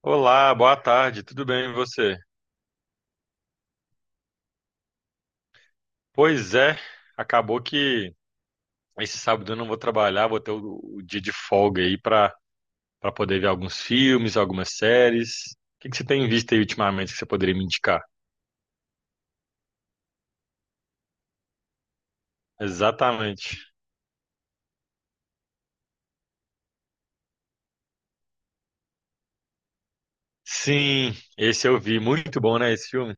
Olá, boa tarde, tudo bem e você? Pois é, acabou que esse sábado eu não vou trabalhar, vou ter o dia de folga aí para poder ver alguns filmes, algumas séries. O que que você tem visto aí ultimamente que você poderia me indicar? Exatamente. Sim, esse eu vi, muito bom, né, esse filme?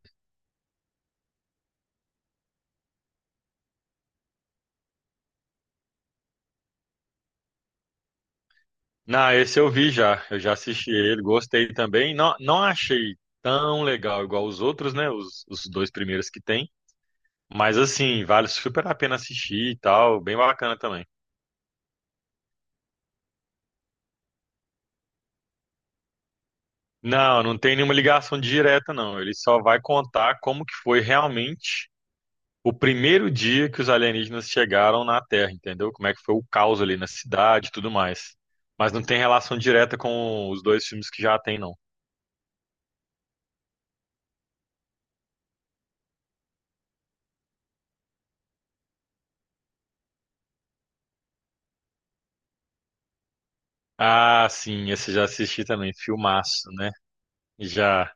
Não, esse eu vi já, eu já assisti ele, gostei também. Não, não achei tão legal igual os outros, né, os dois primeiros que tem, mas assim, vale super a pena assistir e tal, bem bacana também. Não, não tem nenhuma ligação direta, não. Ele só vai contar como que foi realmente o primeiro dia que os alienígenas chegaram na Terra, entendeu? Como é que foi o caos ali na cidade e tudo mais. Mas não tem relação direta com os dois filmes que já tem, não. Ah, sim, esse eu já assisti também, filmaço, né? Já.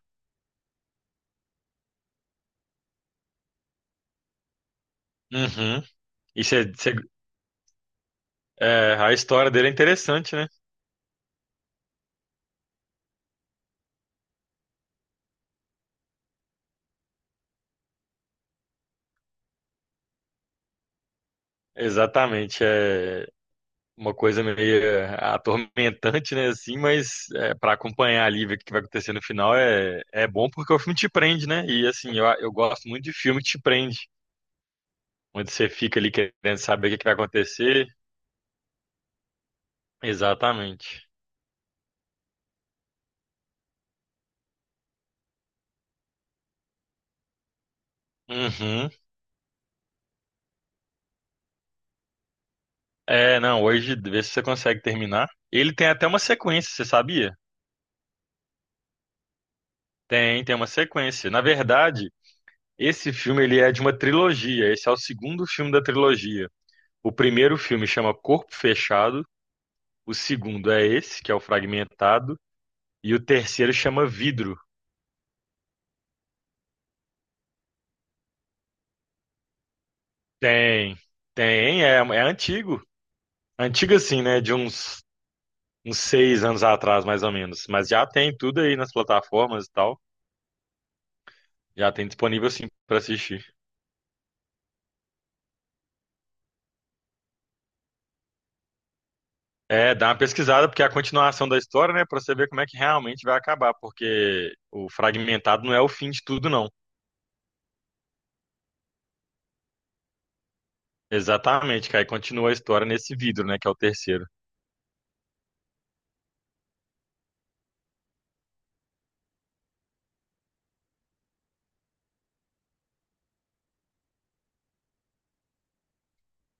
Uhum. E é, a história dele é interessante, né? Exatamente. É, uma coisa meio atormentante, né, assim, mas é, para acompanhar ali, ver o que vai acontecer no final é bom porque o filme te prende, né? E assim, eu gosto muito de filme que te prende, onde você fica ali querendo saber o que que vai acontecer. Exatamente. Uhum. É, não, hoje vê se você consegue terminar. Ele tem até uma sequência, você sabia? Tem uma sequência. Na verdade, esse filme ele é de uma trilogia. Esse é o segundo filme da trilogia. O primeiro filme chama Corpo Fechado. O segundo é esse, que é o fragmentado. E o terceiro chama Vidro. Tem, tem, é antigo. Antigo assim, né? De uns 6 anos atrás, mais ou menos. Mas já tem tudo aí nas plataformas e tal. Já tem disponível sim pra assistir. É, dá uma pesquisada, porque é a continuação da história, né? Pra você ver como é que realmente vai acabar. Porque o fragmentado não é o fim de tudo, não. Exatamente, que aí continua a história nesse Vidro, né? Que é o terceiro.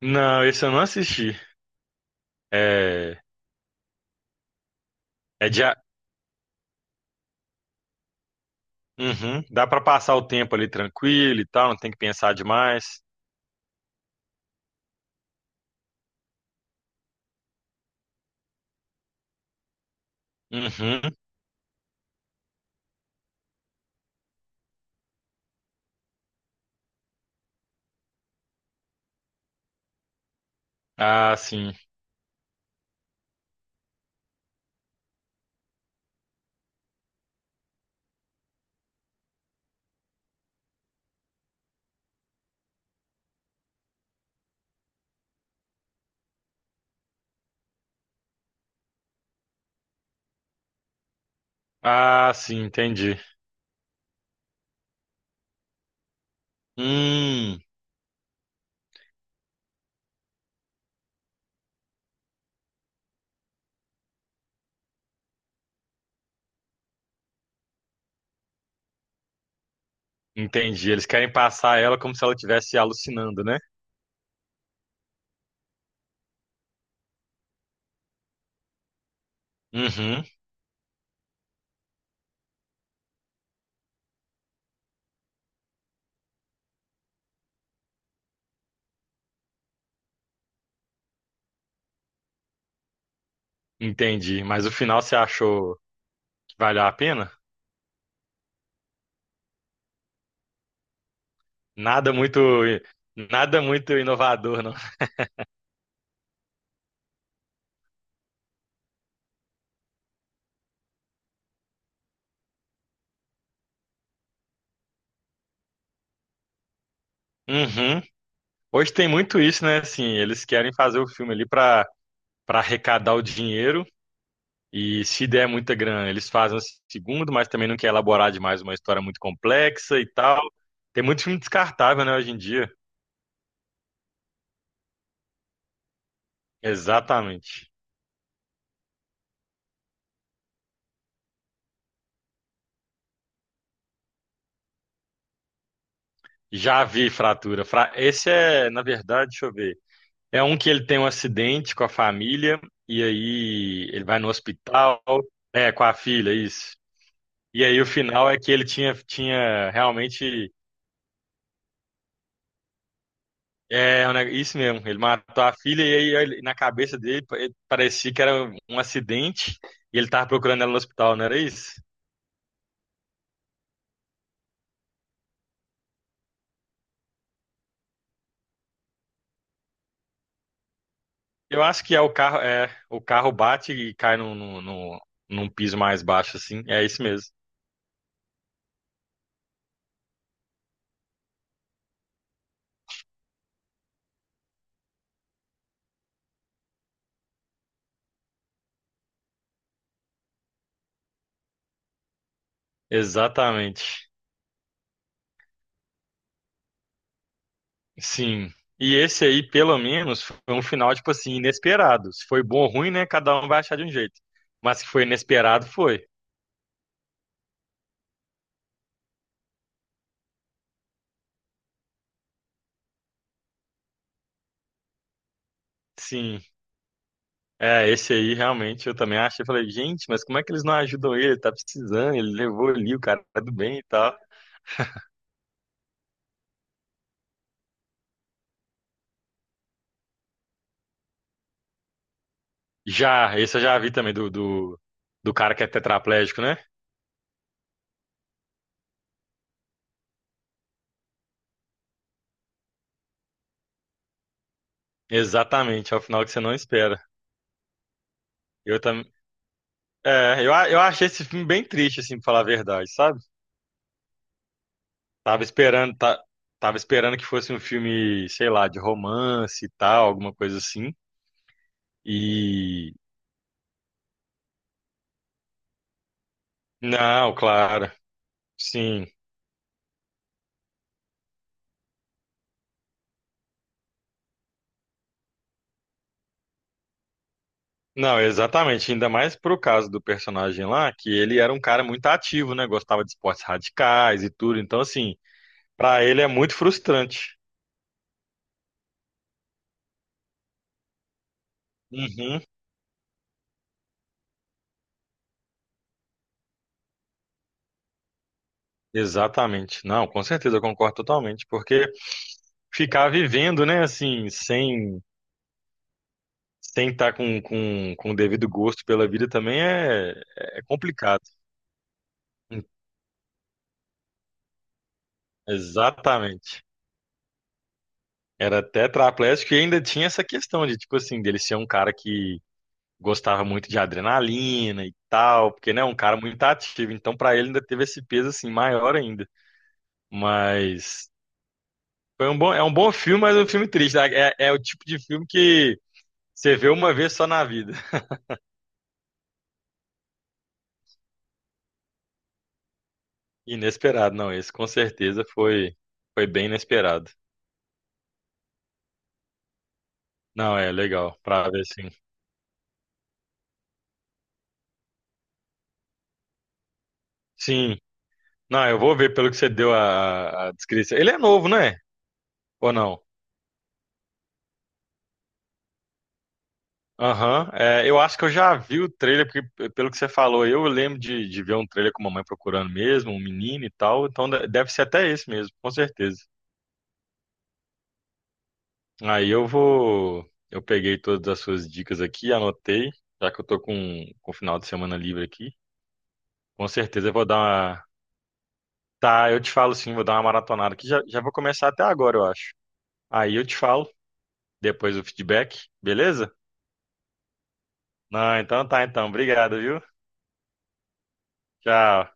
Não, esse eu não assisti. É, é de. Uhum. Dá pra passar o tempo ali tranquilo e tal, não tem que pensar demais. Uhum. Ah, sim. Ah, sim, entendi. Hum, entendi. Eles querem passar ela como se ela estivesse alucinando, né? Uhum, entendi. Mas o final você achou que valeu a pena? Nada muito, nada muito inovador, não. Uhum. Hoje tem muito isso, né? Assim, eles querem fazer o filme ali pra para arrecadar o dinheiro. E se der muita grana, eles fazem o segundo, mas também não quer elaborar demais uma história muito complexa e tal. Tem muito filme descartável, né, hoje em dia. Exatamente. Já vi Fratura. Esse é, na verdade, deixa eu ver. É um que ele tem um acidente com a família, e aí ele vai no hospital, é, com a filha, isso. E aí o final é que ele tinha realmente É, isso mesmo. Ele matou a filha e aí na cabeça dele ele parecia que era um acidente e ele tava procurando ela no hospital, não era isso? Eu acho que é, o carro bate e cai num piso mais baixo, assim. É isso mesmo. Exatamente. Sim. E esse aí, pelo menos, foi um final, tipo assim, inesperado. Se foi bom ou ruim, né? Cada um vai achar de um jeito. Mas que foi inesperado, foi. Sim. É, esse aí realmente eu também achei. Eu falei, gente, mas como é que eles não ajudam ele? Ele tá precisando, ele levou ali, o cara tá do bem e tal. Já, esse eu já vi também, do cara que é tetraplégico, né? Exatamente, é o final que você não espera. Eu também. É, eu achei esse filme bem triste, assim, pra falar a verdade, sabe? Tava esperando, tá, tava esperando que fosse um filme, sei lá, de romance e tal, alguma coisa assim. E. Não, claro, sim. Não, exatamente. Ainda mais pro caso do personagem lá, que ele era um cara muito ativo, né? Gostava de esportes radicais e tudo. Então, assim, pra ele é muito frustrante. Uhum, exatamente. Não, com certeza, eu concordo totalmente. Porque ficar vivendo, né, assim, sem estar com o devido gosto pela vida também é complicado. Exatamente. Era tetraplégico e ainda tinha essa questão de, tipo assim, dele ser um cara que gostava muito de adrenalina e tal, porque, né, é um cara muito ativo, então pra ele ainda teve esse peso, assim, maior ainda. Mas é um bom filme, mas é um filme triste, né? É o tipo de filme que você vê uma vez só na vida. Inesperado, não, esse com certeza foi bem inesperado. Não, é legal, pra ver, sim. Sim, não, eu vou ver pelo que você deu a descrição. Ele é novo, né? Ou não? Aham, é, eu acho que eu já vi o trailer, porque pelo que você falou, eu lembro de ver um trailer com a mamãe procurando mesmo, um menino e tal, então deve ser até esse mesmo, com certeza. Aí eu peguei todas as suas dicas aqui, anotei, já que eu tô com o final de semana livre aqui, com certeza eu vou dar uma. Tá, eu te falo sim, vou dar uma maratonada aqui, já, já vou começar até agora, eu acho. Aí eu te falo, depois o feedback, beleza? Não, então tá, então, obrigado, viu? Tchau.